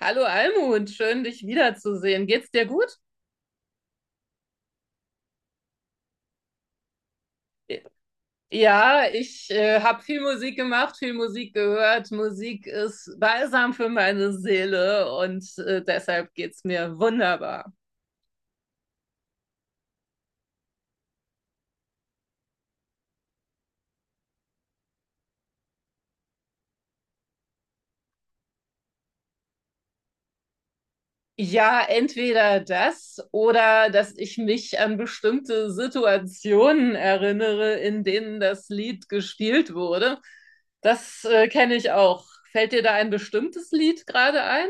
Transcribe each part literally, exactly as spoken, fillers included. Hallo Almut, schön dich wiederzusehen. Geht's dir gut? Ja, ich äh, habe viel Musik gemacht, viel Musik gehört. Musik ist balsam für meine Seele und äh, deshalb geht's mir wunderbar. Ja, entweder das oder dass ich mich an bestimmte Situationen erinnere, in denen das Lied gespielt wurde. Das äh, kenne ich auch. Fällt dir da ein bestimmtes Lied gerade ein?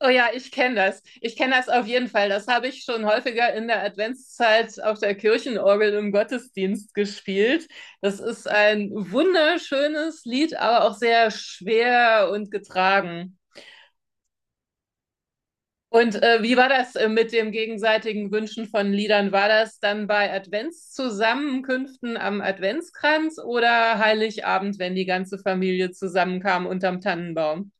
Oh ja, ich kenne das. Ich kenne das auf jeden Fall. Das habe ich schon häufiger in der Adventszeit auf der Kirchenorgel im Gottesdienst gespielt. Das ist ein wunderschönes Lied, aber auch sehr schwer und getragen. Und äh, wie war das äh, mit dem gegenseitigen Wünschen von Liedern? War das dann bei Adventszusammenkünften am Adventskranz oder Heiligabend, wenn die ganze Familie zusammenkam unterm Tannenbaum?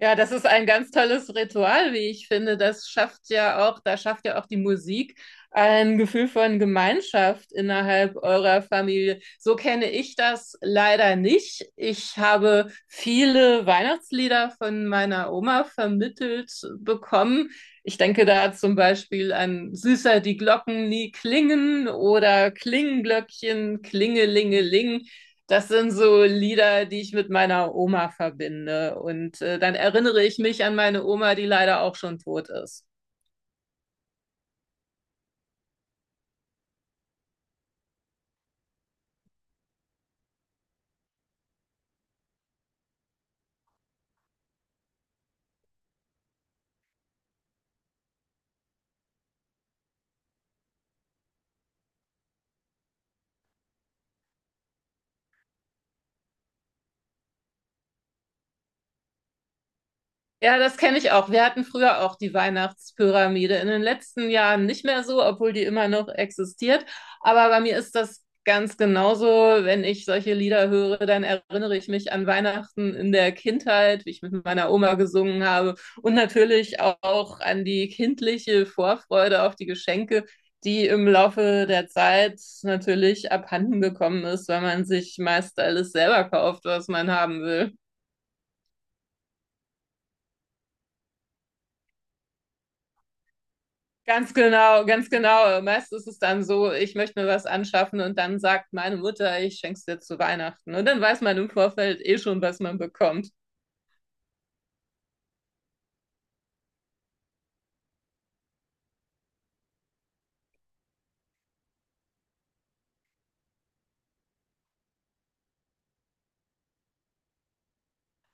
Ja, das ist ein ganz tolles Ritual, wie ich finde. Das schafft ja auch, da schafft ja auch die Musik ein Gefühl von Gemeinschaft innerhalb eurer Familie. So kenne ich das leider nicht. Ich habe viele Weihnachtslieder von meiner Oma vermittelt bekommen. Ich denke da zum Beispiel an Süßer die Glocken nie klingen oder Klingenglöckchen, Klingelingeling. Das sind so Lieder, die ich mit meiner Oma verbinde. Und äh, dann erinnere ich mich an meine Oma, die leider auch schon tot ist. Ja, das kenne ich auch. Wir hatten früher auch die Weihnachtspyramide. In den letzten Jahren nicht mehr so, obwohl die immer noch existiert. Aber bei mir ist das ganz genauso. Wenn ich solche Lieder höre, dann erinnere ich mich an Weihnachten in der Kindheit, wie ich mit meiner Oma gesungen habe. Und natürlich auch an die kindliche Vorfreude auf die Geschenke, die im Laufe der Zeit natürlich abhanden gekommen ist, weil man sich meist alles selber kauft, was man haben will. Ganz genau, ganz genau. Meist ist es dann so, ich möchte mir was anschaffen und dann sagt meine Mutter, ich schenk's dir zu Weihnachten. Und dann weiß man im Vorfeld eh schon, was man bekommt.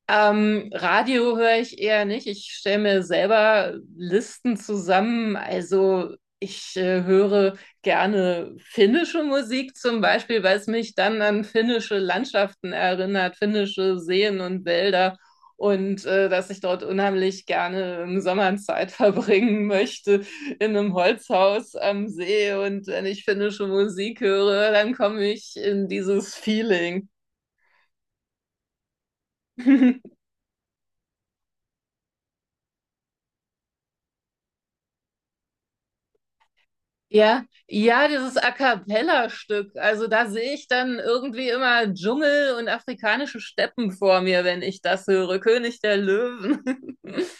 Ähm, Radio höre ich eher nicht. Ich stelle mir selber Listen zusammen. Also ich äh, höre gerne finnische Musik zum Beispiel, weil es mich dann an finnische Landschaften erinnert, finnische Seen und Wälder und äh, dass ich dort unheimlich gerne im Sommer Zeit verbringen möchte in einem Holzhaus am See. Und wenn ich finnische Musik höre, dann komme ich in dieses Feeling. Ja, ja, dieses A cappella-Stück. Also da sehe ich dann irgendwie immer Dschungel und afrikanische Steppen vor mir, wenn ich das höre. König der Löwen.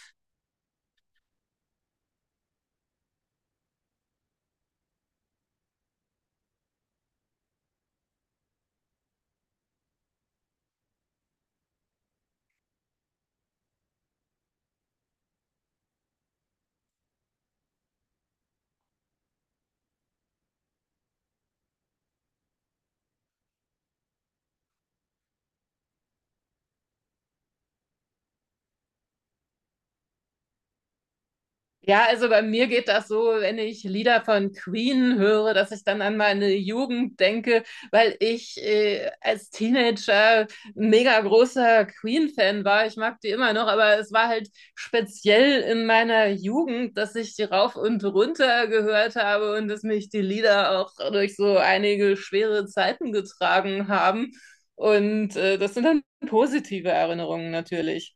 Ja, also bei mir geht das so, wenn ich Lieder von Queen höre, dass ich dann an meine Jugend denke, weil ich äh, als Teenager ein mega großer Queen-Fan war. Ich mag die immer noch, aber es war halt speziell in meiner Jugend, dass ich die rauf und runter gehört habe und dass mich die Lieder auch durch so einige schwere Zeiten getragen haben. Und äh, das sind dann positive Erinnerungen natürlich.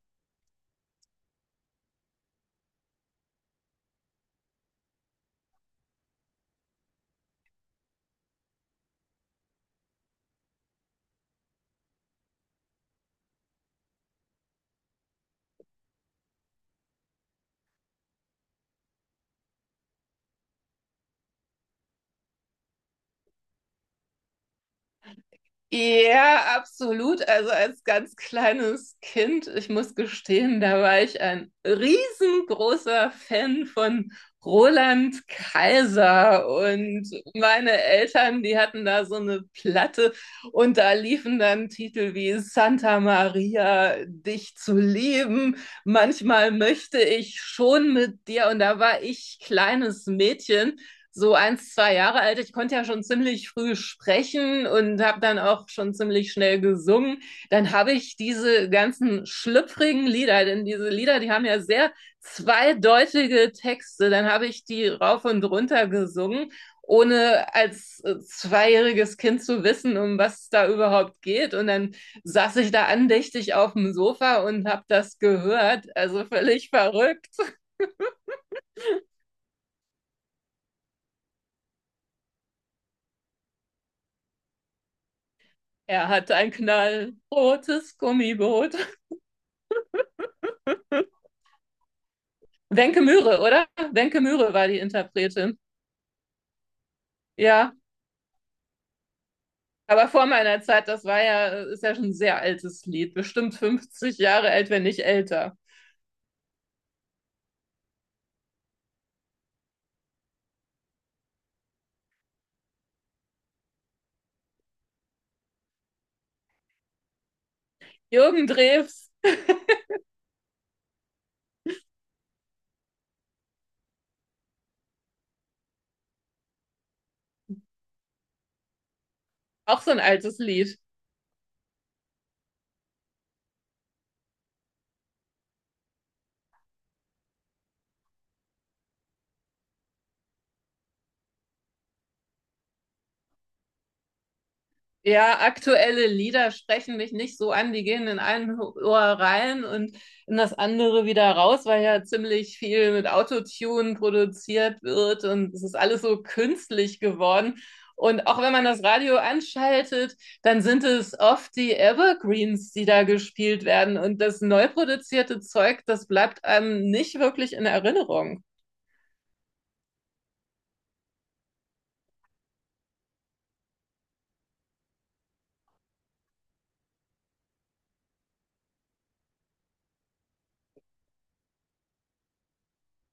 Ja, absolut. Also als ganz kleines Kind, ich muss gestehen, da war ich ein riesengroßer Fan von Roland Kaiser und meine Eltern, die hatten da so eine Platte und da liefen dann Titel wie Santa Maria, dich zu lieben, manchmal möchte ich schon mit dir und da war ich kleines Mädchen so eins, zwei Jahre alt. Ich konnte ja schon ziemlich früh sprechen und habe dann auch schon ziemlich schnell gesungen. Dann habe ich diese ganzen schlüpfrigen Lieder, denn diese Lieder, die haben ja sehr zweideutige Texte, dann habe ich die rauf und runter gesungen, ohne als äh, zweijähriges Kind zu wissen, um was es da überhaupt geht. Und dann saß ich da andächtig auf dem Sofa und habe das gehört. Also völlig verrückt. Er hat ein knallrotes Gummiboot. Wenke Möhre, oder? Wenke Möhre war die Interpretin. Ja, aber vor meiner Zeit, das war ja, äh, ist ja schon ein sehr altes Lied. Bestimmt fünfzig Jahre alt, wenn nicht älter. Jürgen Drews, auch so ein altes Lied. Ja, aktuelle Lieder sprechen mich nicht so an. Die gehen in ein Ohr rein und in das andere wieder raus, weil ja ziemlich viel mit Autotune produziert wird und es ist alles so künstlich geworden. Und auch wenn man das Radio anschaltet, dann sind es oft die Evergreens, die da gespielt werden. Und das neu produzierte Zeug, das bleibt einem nicht wirklich in Erinnerung.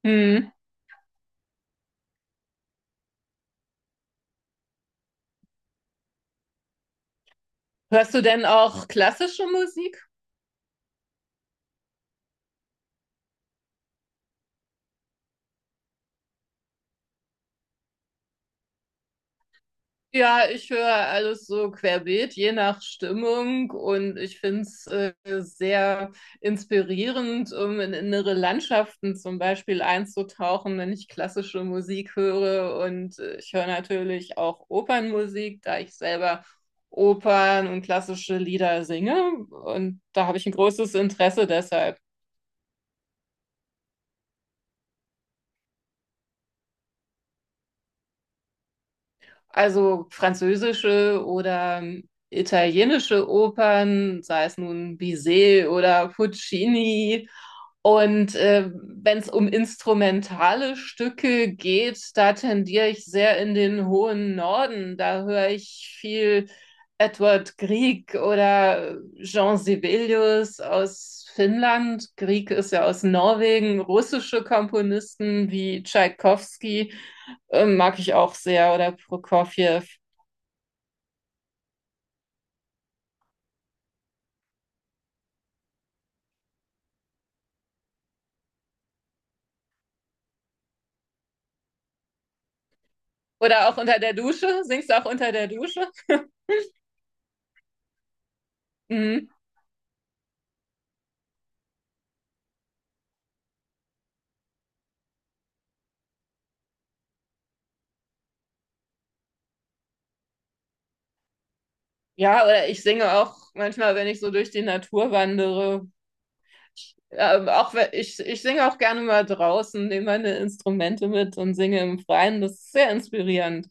Hm. Hörst du denn auch klassische Musik? Ja, ich höre alles so querbeet, je nach Stimmung und ich finde es äh, sehr inspirierend, um in innere Landschaften zum Beispiel einzutauchen, wenn ich klassische Musik höre und äh, ich höre natürlich auch Opernmusik, da ich selber Opern und klassische Lieder singe und da habe ich ein großes Interesse deshalb. Also französische oder ähm, italienische Opern, sei es nun Bizet oder Puccini. Und äh, wenn es um instrumentale Stücke geht, da tendiere ich sehr in den hohen Norden. Da höre ich viel Edward Grieg oder Jean Sibelius aus Finnland. Grieg ist ja aus Norwegen, russische Komponisten wie Tschaikowski äh, mag ich auch sehr. Oder Prokofjew. Oder auch unter der Dusche. Singst du auch unter der Dusche? Mhm. Ja, oder ich singe auch manchmal, wenn ich so durch die Natur wandere. Ähm, auch wenn- ich, ich singe auch gerne mal draußen, nehme meine Instrumente mit und singe im Freien. Das ist sehr inspirierend.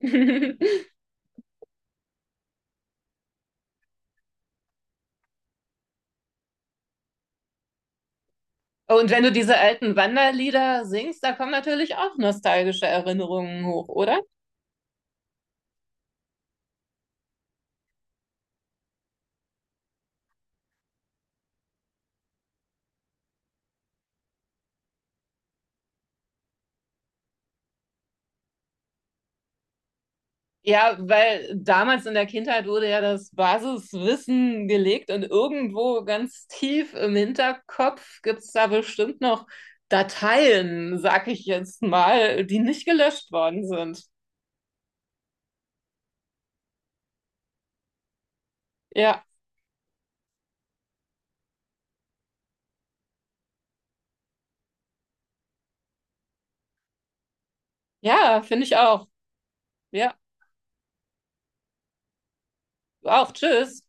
Und wenn du diese alten Wanderlieder singst, da kommen natürlich auch nostalgische Erinnerungen hoch, oder? Ja, weil damals in der Kindheit wurde ja das Basiswissen gelegt und irgendwo ganz tief im Hinterkopf gibt's da bestimmt noch Dateien, sag ich jetzt mal, die nicht gelöscht worden sind. Ja, ja, finde ich auch. Ja, auch. Tschüss.